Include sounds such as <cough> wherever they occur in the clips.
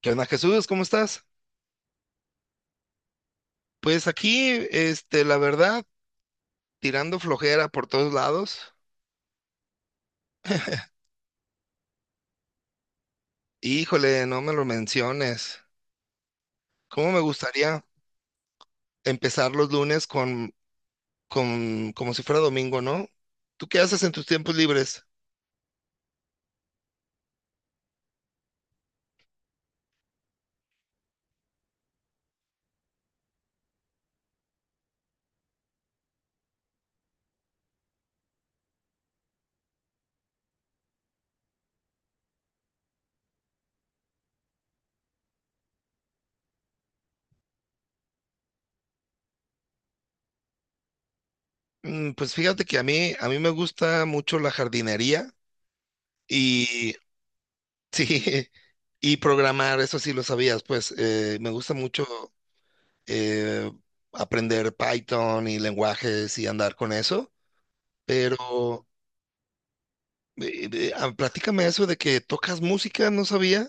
¿Qué onda, Jesús? ¿Cómo estás? Pues aquí, este, la verdad, tirando flojera por todos lados. Híjole, no me lo menciones. ¿Cómo me gustaría empezar los lunes con, como si fuera domingo, ¿no? ¿Tú qué haces en tus tiempos libres? Pues fíjate que a mí me gusta mucho la jardinería y, <laughs> sí, y programar, eso sí lo sabías, pues me gusta mucho eh, aprender Python y lenguajes y andar con eso, pero platícame eso de que tocas música, no sabía.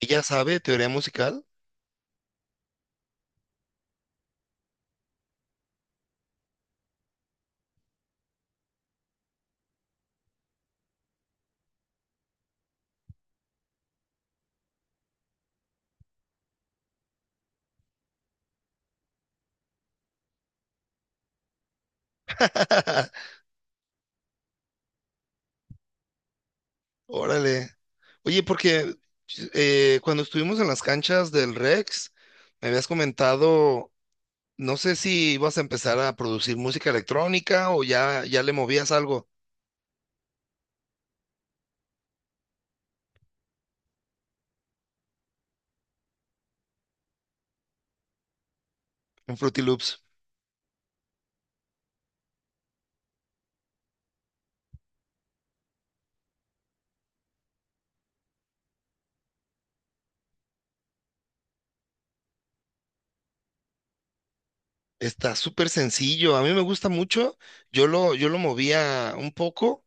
Ella sabe teoría musical. <laughs> Órale. Oye, porque cuando estuvimos en las canchas del Rex, me habías comentado, no sé si ibas a empezar a producir música electrónica o ya, ya le movías algo en Fruity Loops. Está súper sencillo, a mí me gusta mucho. Yo lo movía un poco.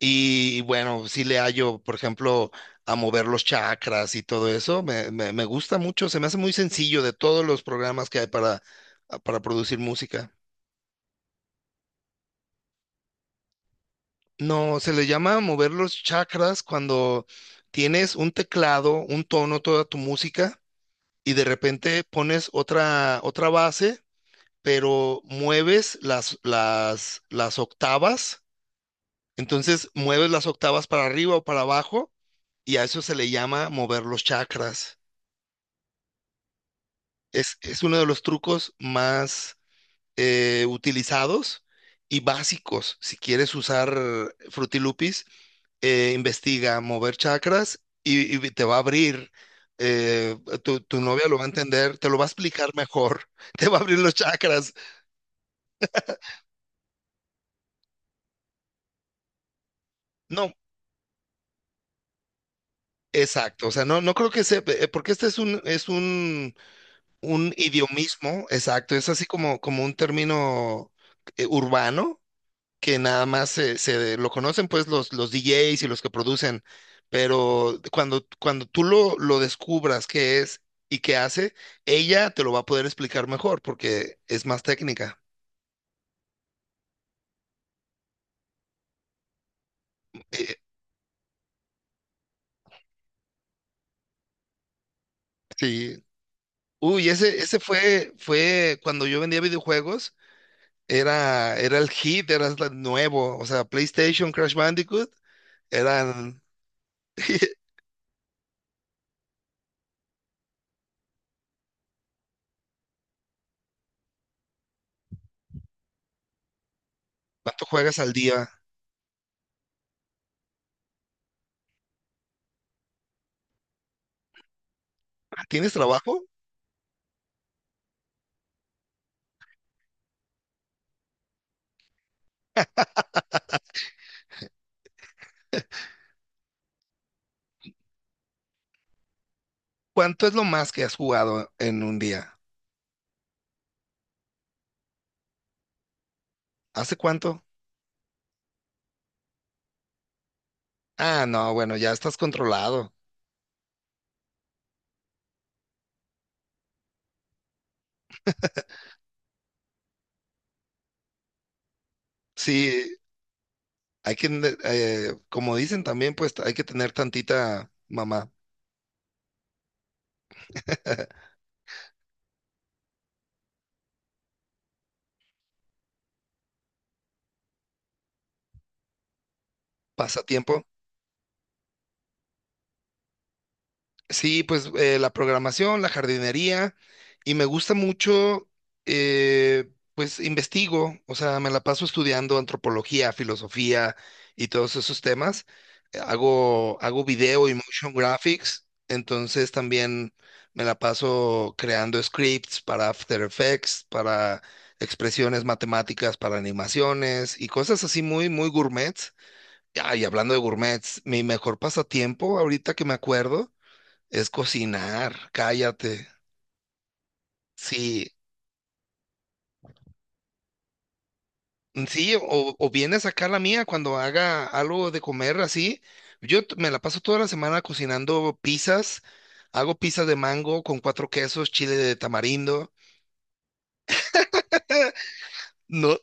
Y bueno, sí le hallo, por ejemplo, a mover los chakras y todo eso. Me gusta mucho, se me hace muy sencillo de todos los programas que hay para producir música. No, se le llama mover los chakras cuando tienes un teclado, un tono, toda tu música, y de repente pones otra, otra base, pero mueves las octavas. Entonces mueves las octavas para arriba o para abajo, y a eso se le llama mover los chakras. Es uno de los trucos más utilizados y básicos. Si quieres usar Fruity Loops, investiga mover chakras y te va a abrir. Eh, tu novia lo va a entender, te lo va a explicar mejor. <laughs> Te va a abrir los chakras. No, exacto, o sea, no, no creo que sea, porque un idiomismo, exacto, es así como, como un término urbano, que nada más se, se lo conocen pues los DJs y los que producen, pero cuando tú lo descubras qué es y qué hace, ella te lo va a poder explicar mejor porque es más técnica. Eh, sí. Uy, ese fue, fue cuando yo vendía videojuegos, era el hit, era el nuevo, o sea, PlayStation, Crash Bandicoot, eran... <laughs> ¿Cuánto juegas al día? ¿Tienes trabajo? ¿Cuánto es lo más que has jugado en un día? ¿Hace cuánto? Ah, no, bueno, ya estás controlado. Sí, hay que, como dicen también, pues hay que tener tantita mamá. <laughs> Pasatiempo. Sí, pues la programación, la jardinería, y me gusta mucho, eh, pues investigo, o sea, me la paso estudiando antropología, filosofía y todos esos temas. Hago video y motion graphics, entonces también me la paso creando scripts para After Effects, para expresiones matemáticas, para animaciones y cosas así muy, muy gourmets. Ah, y hablando de gourmets, mi mejor pasatiempo ahorita que me acuerdo. Es cocinar, cállate. Sí, mm, sí, o vienes acá a la mía cuando haga algo de comer así. Yo t- me la paso toda la semana cocinando pizzas. Hago pizzas de mango con cuatro quesos, chile de tamarindo. No,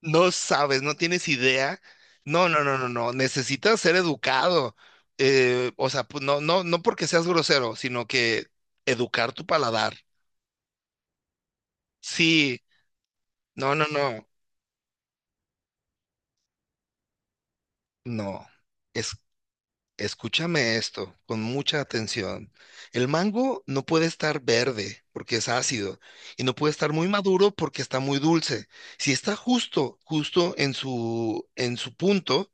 no sabes, no tienes idea. No, no, no, no, no. Necesitas ser educado. O sea, pues, no, no, no porque seas grosero, sino que educar tu paladar. Sí, no, no, no, no. Es Escúchame esto con mucha atención. El mango no puede estar verde porque es ácido y no puede estar muy maduro porque está muy dulce. Si está justo, justo en su punto,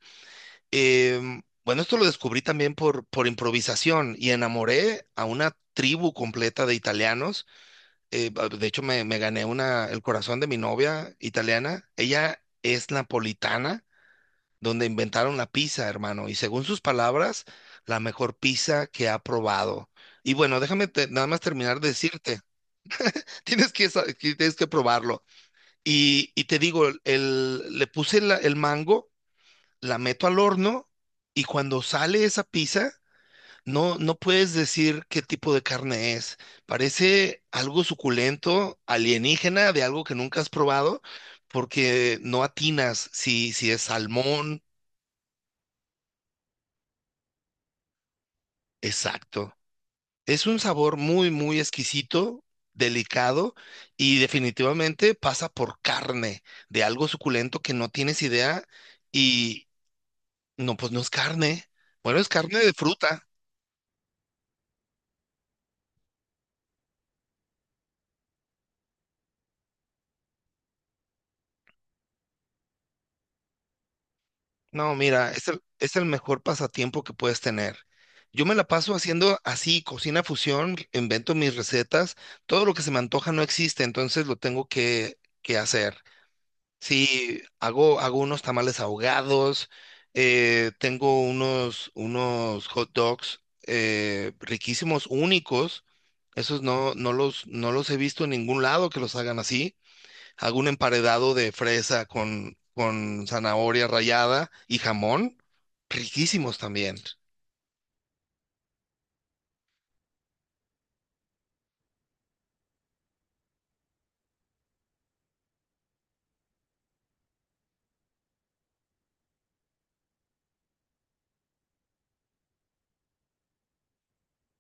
bueno, esto lo descubrí también por improvisación y enamoré a una tribu completa de italianos. De hecho, me gané una, el corazón de mi novia italiana. Ella es napolitana donde inventaron la pizza, hermano, y según sus palabras, la mejor pizza que ha probado. Y bueno, nada más terminar de decirte, <laughs> tienes que, que tienes que probarlo. Y te digo, el mango, la meto al horno y cuando sale esa pizza, no, no puedes decir qué tipo de carne es. Parece algo suculento, alienígena, de algo que nunca has probado, porque no atinas si, si es salmón. Exacto. Es un sabor muy, muy exquisito, delicado y definitivamente pasa por carne, de algo suculento que no tienes idea y no, pues no es carne. Bueno, es carne de fruta. No, mira, es el mejor pasatiempo que puedes tener. Yo me la paso haciendo así, cocina fusión, invento mis recetas, todo lo que se me antoja no existe, entonces lo tengo que hacer. Sí, hago unos tamales ahogados, tengo unos, unos hot dogs riquísimos, únicos. Esos no, no los he visto en ningún lado que los hagan así. Hago un emparedado de fresa con zanahoria rallada y jamón. Riquísimos también.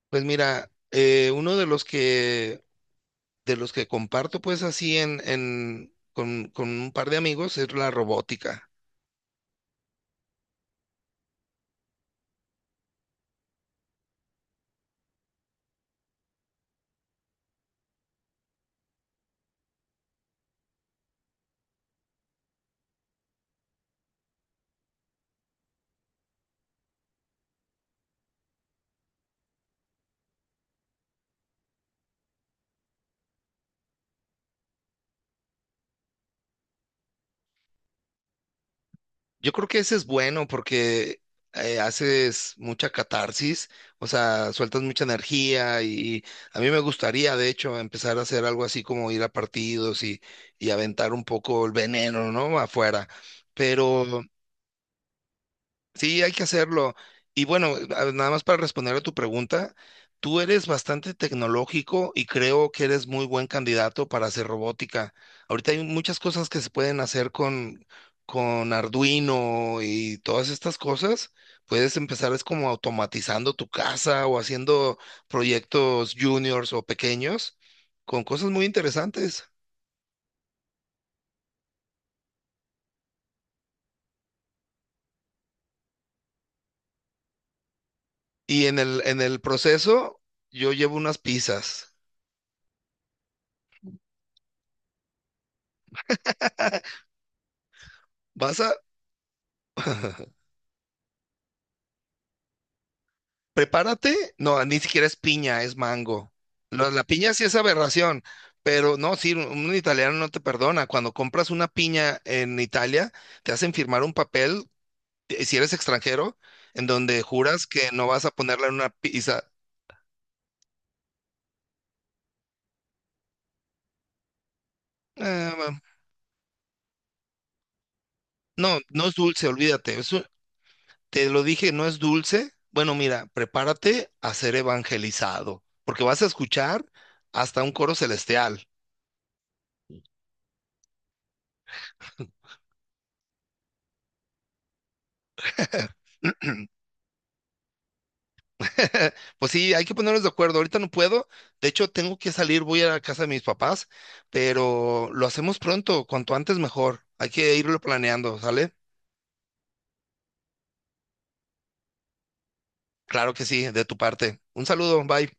Pues mira, uno de los que comparto pues así con un par de amigos es la robótica. Yo creo que ese es bueno porque haces mucha catarsis, o sea, sueltas mucha energía y a mí me gustaría de hecho empezar a hacer algo así como ir a partidos y aventar un poco el veneno, ¿no? Afuera. Pero sí, hay que hacerlo. Y bueno, nada más para responder a tu pregunta, tú eres bastante tecnológico y creo que eres muy buen candidato para hacer robótica. Ahorita hay muchas cosas que se pueden hacer con Arduino y todas estas cosas. Puedes empezar es como automatizando tu casa o haciendo proyectos juniors o pequeños con cosas muy interesantes. Y en el proceso, yo llevo unas pizzas. ¿Vas a? <laughs> Prepárate, no, ni siquiera es piña, es mango. Piña sí es aberración, pero no, sí, un italiano no te perdona. Cuando compras una piña en Italia, te hacen firmar un papel, si eres extranjero, en donde juras que no vas a ponerla en una pizza. Bueno, no, no es dulce, olvídate. Eso, te lo dije, no es dulce. Bueno, mira, prepárate a ser evangelizado, porque vas a escuchar hasta un coro celestial. <clears throat> <laughs> Pues sí, hay que ponernos de acuerdo. Ahorita no puedo. De hecho, tengo que salir, voy a la casa de mis papás, pero lo hacemos pronto, cuanto antes mejor. Hay que irlo planeando, ¿sale? Claro que sí, de tu parte. Un saludo, bye.